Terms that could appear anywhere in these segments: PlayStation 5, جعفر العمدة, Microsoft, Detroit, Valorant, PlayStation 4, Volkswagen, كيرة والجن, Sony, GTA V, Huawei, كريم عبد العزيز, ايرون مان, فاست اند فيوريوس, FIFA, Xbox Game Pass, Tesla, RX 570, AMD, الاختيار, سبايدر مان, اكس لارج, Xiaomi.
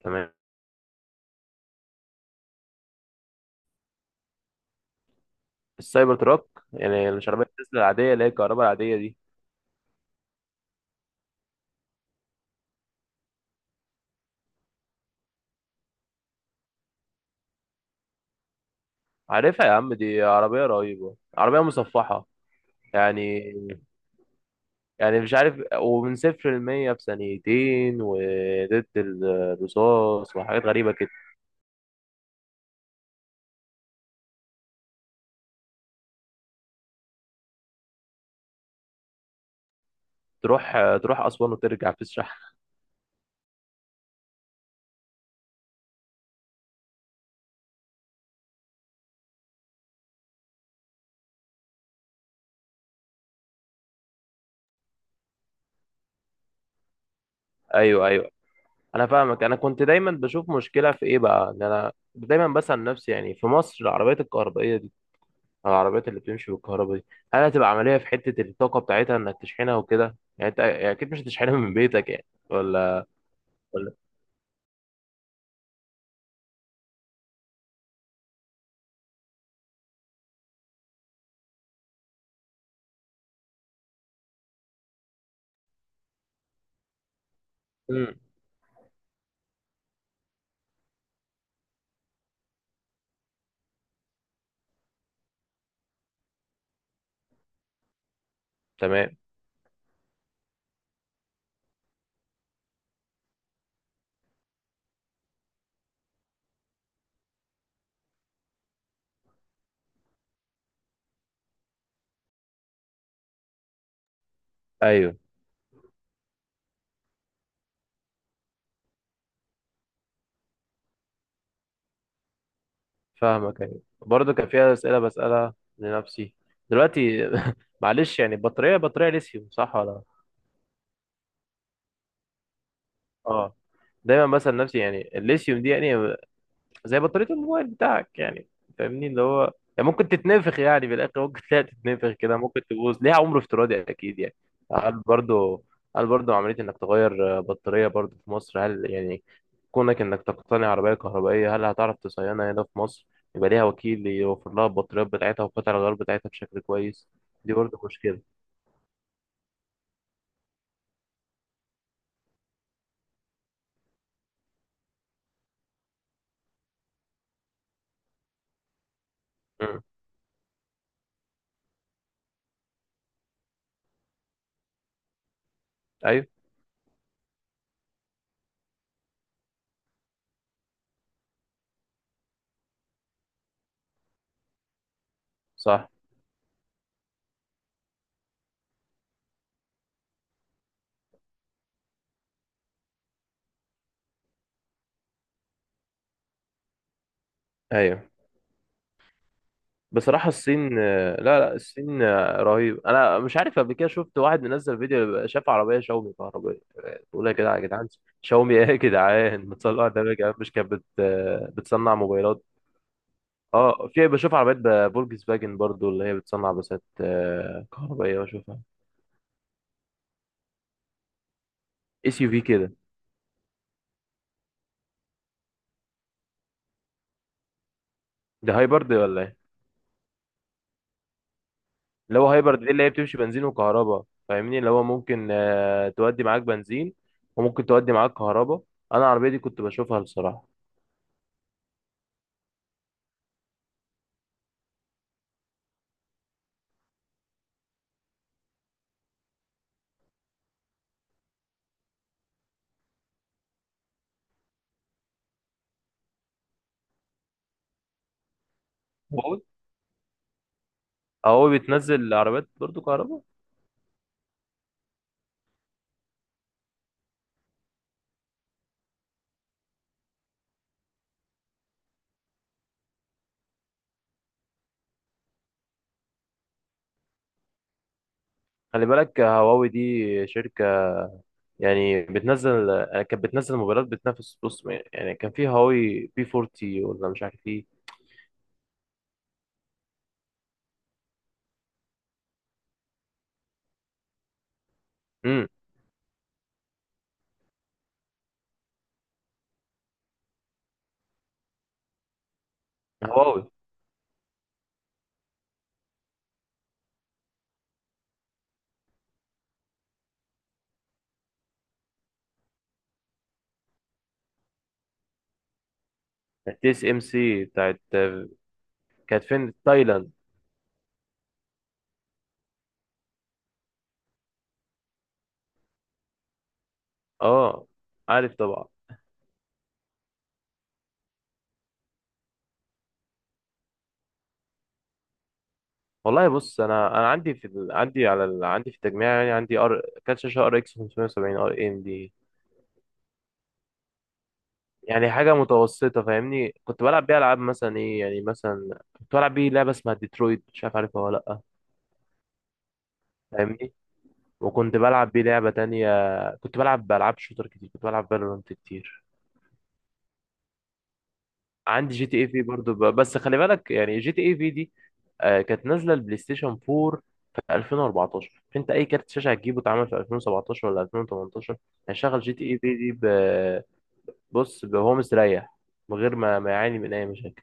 تمام. السايبر تراك، يعني العربية تسلا العادية اللي هي الكهرباء العادية دي. عارفها يا عم، دي عربية رهيبة، عربية مصفحة. يعني يعني مش عارف. ومن صفر لمية في ثانيتين، وضد الرصاص، وحاجات غريبة كده. تروح تروح أسوان وترجع في الشحن. أيوه، أيوه، أنا فاهمك. أنا كنت دايما بشوف مشكلة في إيه بقى، إن أنا دايما بسأل نفسي يعني في مصر العربيات الكهربائية، العربيات اللي بتمشي بالكهرباء دي، هل هتبقى عملية في حتة الطاقة بتاعتها انك تشحنها وكده؟ يعني انت يعني اكيد مش هتشحنها من بيتك يعني، ولا. امم تمام. ايوه، فاهمك. ايوه برضه كان فيها أسئلة بسألها لنفسي دلوقتي معلش، يعني بطارية ليثيوم صح ولا؟ اه. دايما بسأل نفسي يعني الليثيوم دي، يعني زي بطارية الموبايل بتاعك يعني، فاهمني اللي هو، يعني ممكن تتنفخ يعني في الاخر، ممكن تلاقي تتنفخ كده، ممكن تبوظ، ليها عمر افتراضي اكيد يعني. هل برضو هل برضو عملية انك تغير بطارية برضو في مصر؟ هل يعني كونك انك تقتني عربية كهربائية هل هتعرف تصينها هنا في مصر؟ يبقى ليها وكيل يوفر لها البطاريات بتاعتها وقطع الغيار بتاعتها بشكل كويس. دي برضو مشكلة. مم. ايوه صح. ايوه. بصراحة الصين، لا، لا، الصين رهيب. أنا مش عارف، قبل كده شفت واحد منزل فيديو، شاف عربية شاومي كهربائية، بقول يا جدعان، يا جدعان شاومي إيه يا جدعان بتصنع ده؟ يا جدعان مش كانت بتصنع موبايلات؟ أه، في بشوف عربيات فولكس فاجن برضو اللي هي بتصنع بسات كهربائية بشوفها. اس يو في كده. ده هايبرد ولا إيه؟ اللي هو هايبرد دي اللي هي بتمشي بنزين وكهرباء. فاهمني اللي هو ممكن تودي معاك بنزين، وممكن تودي معاك كهرباء. أنا العربية دي كنت بشوفها بصراحة. هواوي بتنزل عربيات برضو كهرباء؟ خلي بالك، هواوي دي شركة، يعني بتنزل، يعني كانت بتنزل موبايلات بتنافس بص. يعني كان في هواوي بي 40، ولا مش عارف ايه. امم هواوي. التي اس ام سي بتاعت، كانت فين، تايلاند. اه. عارف طبعا. والله بص، انا عندي في التجميع، يعني عندي ار كارت شاشة، ار اكس 570 ار ام دي. يعني حاجة متوسطة، فاهمني، كنت بلعب بيها العاب، مثلا ايه يعني، مثلا كنت بلعب بيه لعبة اسمها ديترويت، مش عارف عارفها ولا؟ فاهمني. وكنت بلعب بيه لعبة تانية. كنت بلعب بألعاب شوتر كتير، كنت بلعب فالورانت كتير. عندي جي تي اي في برضه، بس خلي بالك يعني جي تي اي في دي كانت نازلة البلاي ستيشن 4 في 2014. انت اي كارت شاشة هتجيبه اتعمل في 2017 ولا 2018، هيشغل جي تي اي في دي بص، وهو مستريح من غير ما يعاني من اي مشاكل.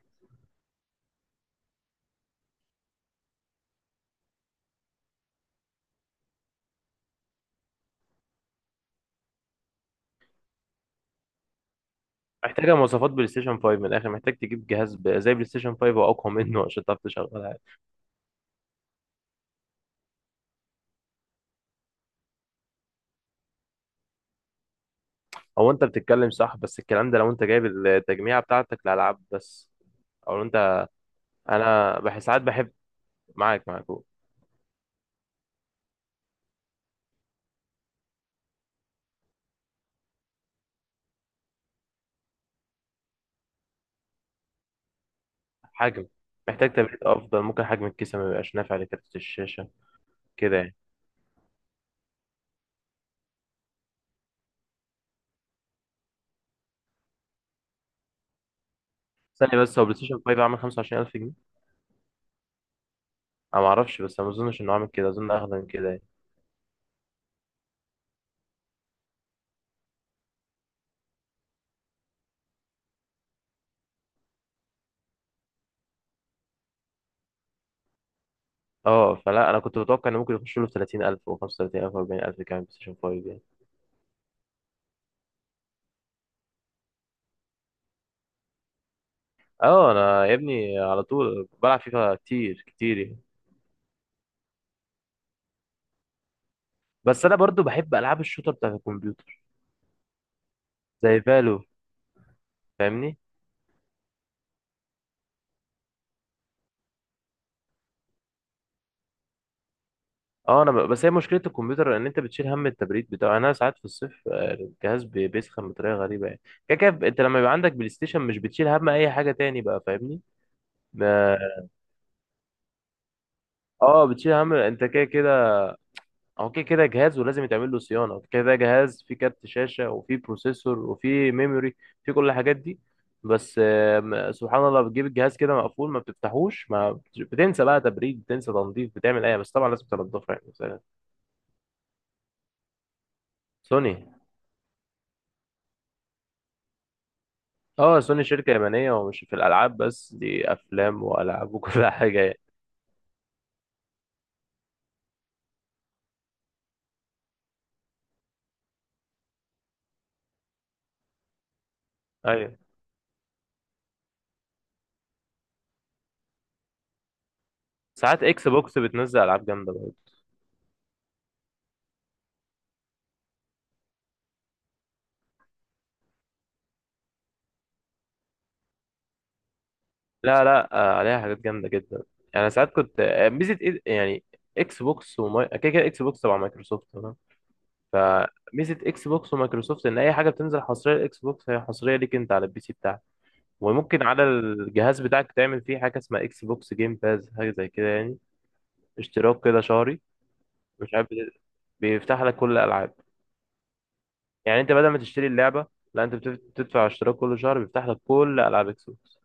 محتاجة مواصفات بلاي ستيشن 5 من الاخر، محتاج تجيب جهاز زي بلاي ستيشن 5 واقوى منه عشان تعرف تشغلها. هو انت بتتكلم صح، بس الكلام ده لو انت جايب التجميعة بتاعتك لألعاب بس، او لو انت، انا ساعات بحب. معاك، معاك قول. حجم. محتاج تبريد افضل، ممكن حجم الكيسة ما يبقاش نافع لكارت الشاشة كده يعني. ثانية بس، هو بلاي ستيشن 5 عامل 25000 جنيه؟ انا ما اعرفش، بس انا ما اظنش انه عامل كده، اظن اغلى من كده يعني. اه، فلا انا كنت متوقع انه ممكن يخش له في 30000 و 35000 و 40000 كمان بلاي ستيشن 5 يعني. اه، انا يا ابني على طول بلعب فيفا كتير كتير يعني. بس انا برضو بحب العاب الشوتر بتاعت الكمبيوتر زي فالو، فاهمني. اه، انا بس هي مشكله الكمبيوتر ان انت بتشيل هم التبريد بتاعه يعني، انا ساعات في الصيف الجهاز بيسخن بطريقه غريبه يعني. كده كده انت لما يبقى عندك بلاي ستيشن مش بتشيل هم اي حاجه تاني بقى، فاهمني. ما- اه، بتشيل هم انت كده كده. هو كده كده جهاز ولازم يتعمل له صيانه، كده كده جهاز فيه كارت شاشه وفيه بروسيسور وفيه ميموري، فيه كل الحاجات دي. بس سبحان الله، بتجيب الجهاز كده مقفول، ما بتفتحوش، ما بت- بتنسى بقى تبريد، بتنسى تنظيف، بتعمل ايه؟ بس طبعا لازم تنضفه. يعني سوني. اه، سوني شركة يابانية، ومش في الألعاب بس، دي أفلام وألعاب وكل حاجة يعني. أيوة. ساعات إكس بوكس بتنزل ألعاب جامدة برضه. لا، لا، عليها حاجات جامدة جدا. يعني ساعات كنت ميزة يعني إكس بوكس كده كده إكس بوكس تبع مايكروسوفت تمام. فميزة إكس بوكس ومايكروسوفت إن أي حاجة بتنزل حصرية لإكس بوكس، هي حصرية ليك أنت على البي سي بتاعك. وممكن على الجهاز بتاعك تعمل فيه حاجة اسمها إكس بوكس جيم باز، حاجة زي كده يعني. اشتراك كده شهري. مش عارف، بيفتح لك كل الألعاب. يعني انت بدل ما تشتري اللعبه، لا انت بتدفع اشتراك كل شهر، بيفتح لك كل العاب اكس بوكس.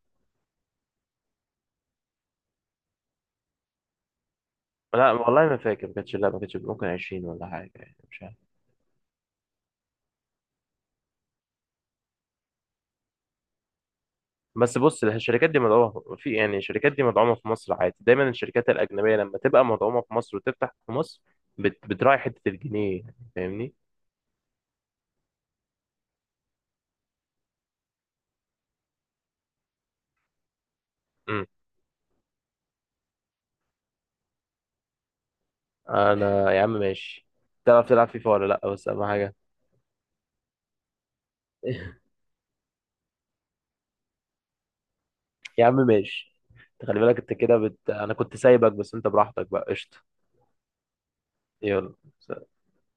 لا والله ما فاكر، ما كانتش، لا، ما كانتش، ممكن 20 ولا حاجه يعني، مش عارف. بس بص، الشركات دي مدعومه في، يعني الشركات دي مدعومه في مصر عادي، دايما الشركات الاجنبيه لما تبقى مدعومه في مصر وتفتح في مصر بتراعي حته الجنيه يعني، فاهمني. امم انا يا عم ماشي. تعرف تلعب فيفا ولا لا؟ بس اهم حاجه. يا عم ماشي. انت خلي بالك، انت كده انا كنت سايبك، بس انت براحتك بقى قشطه. يلا.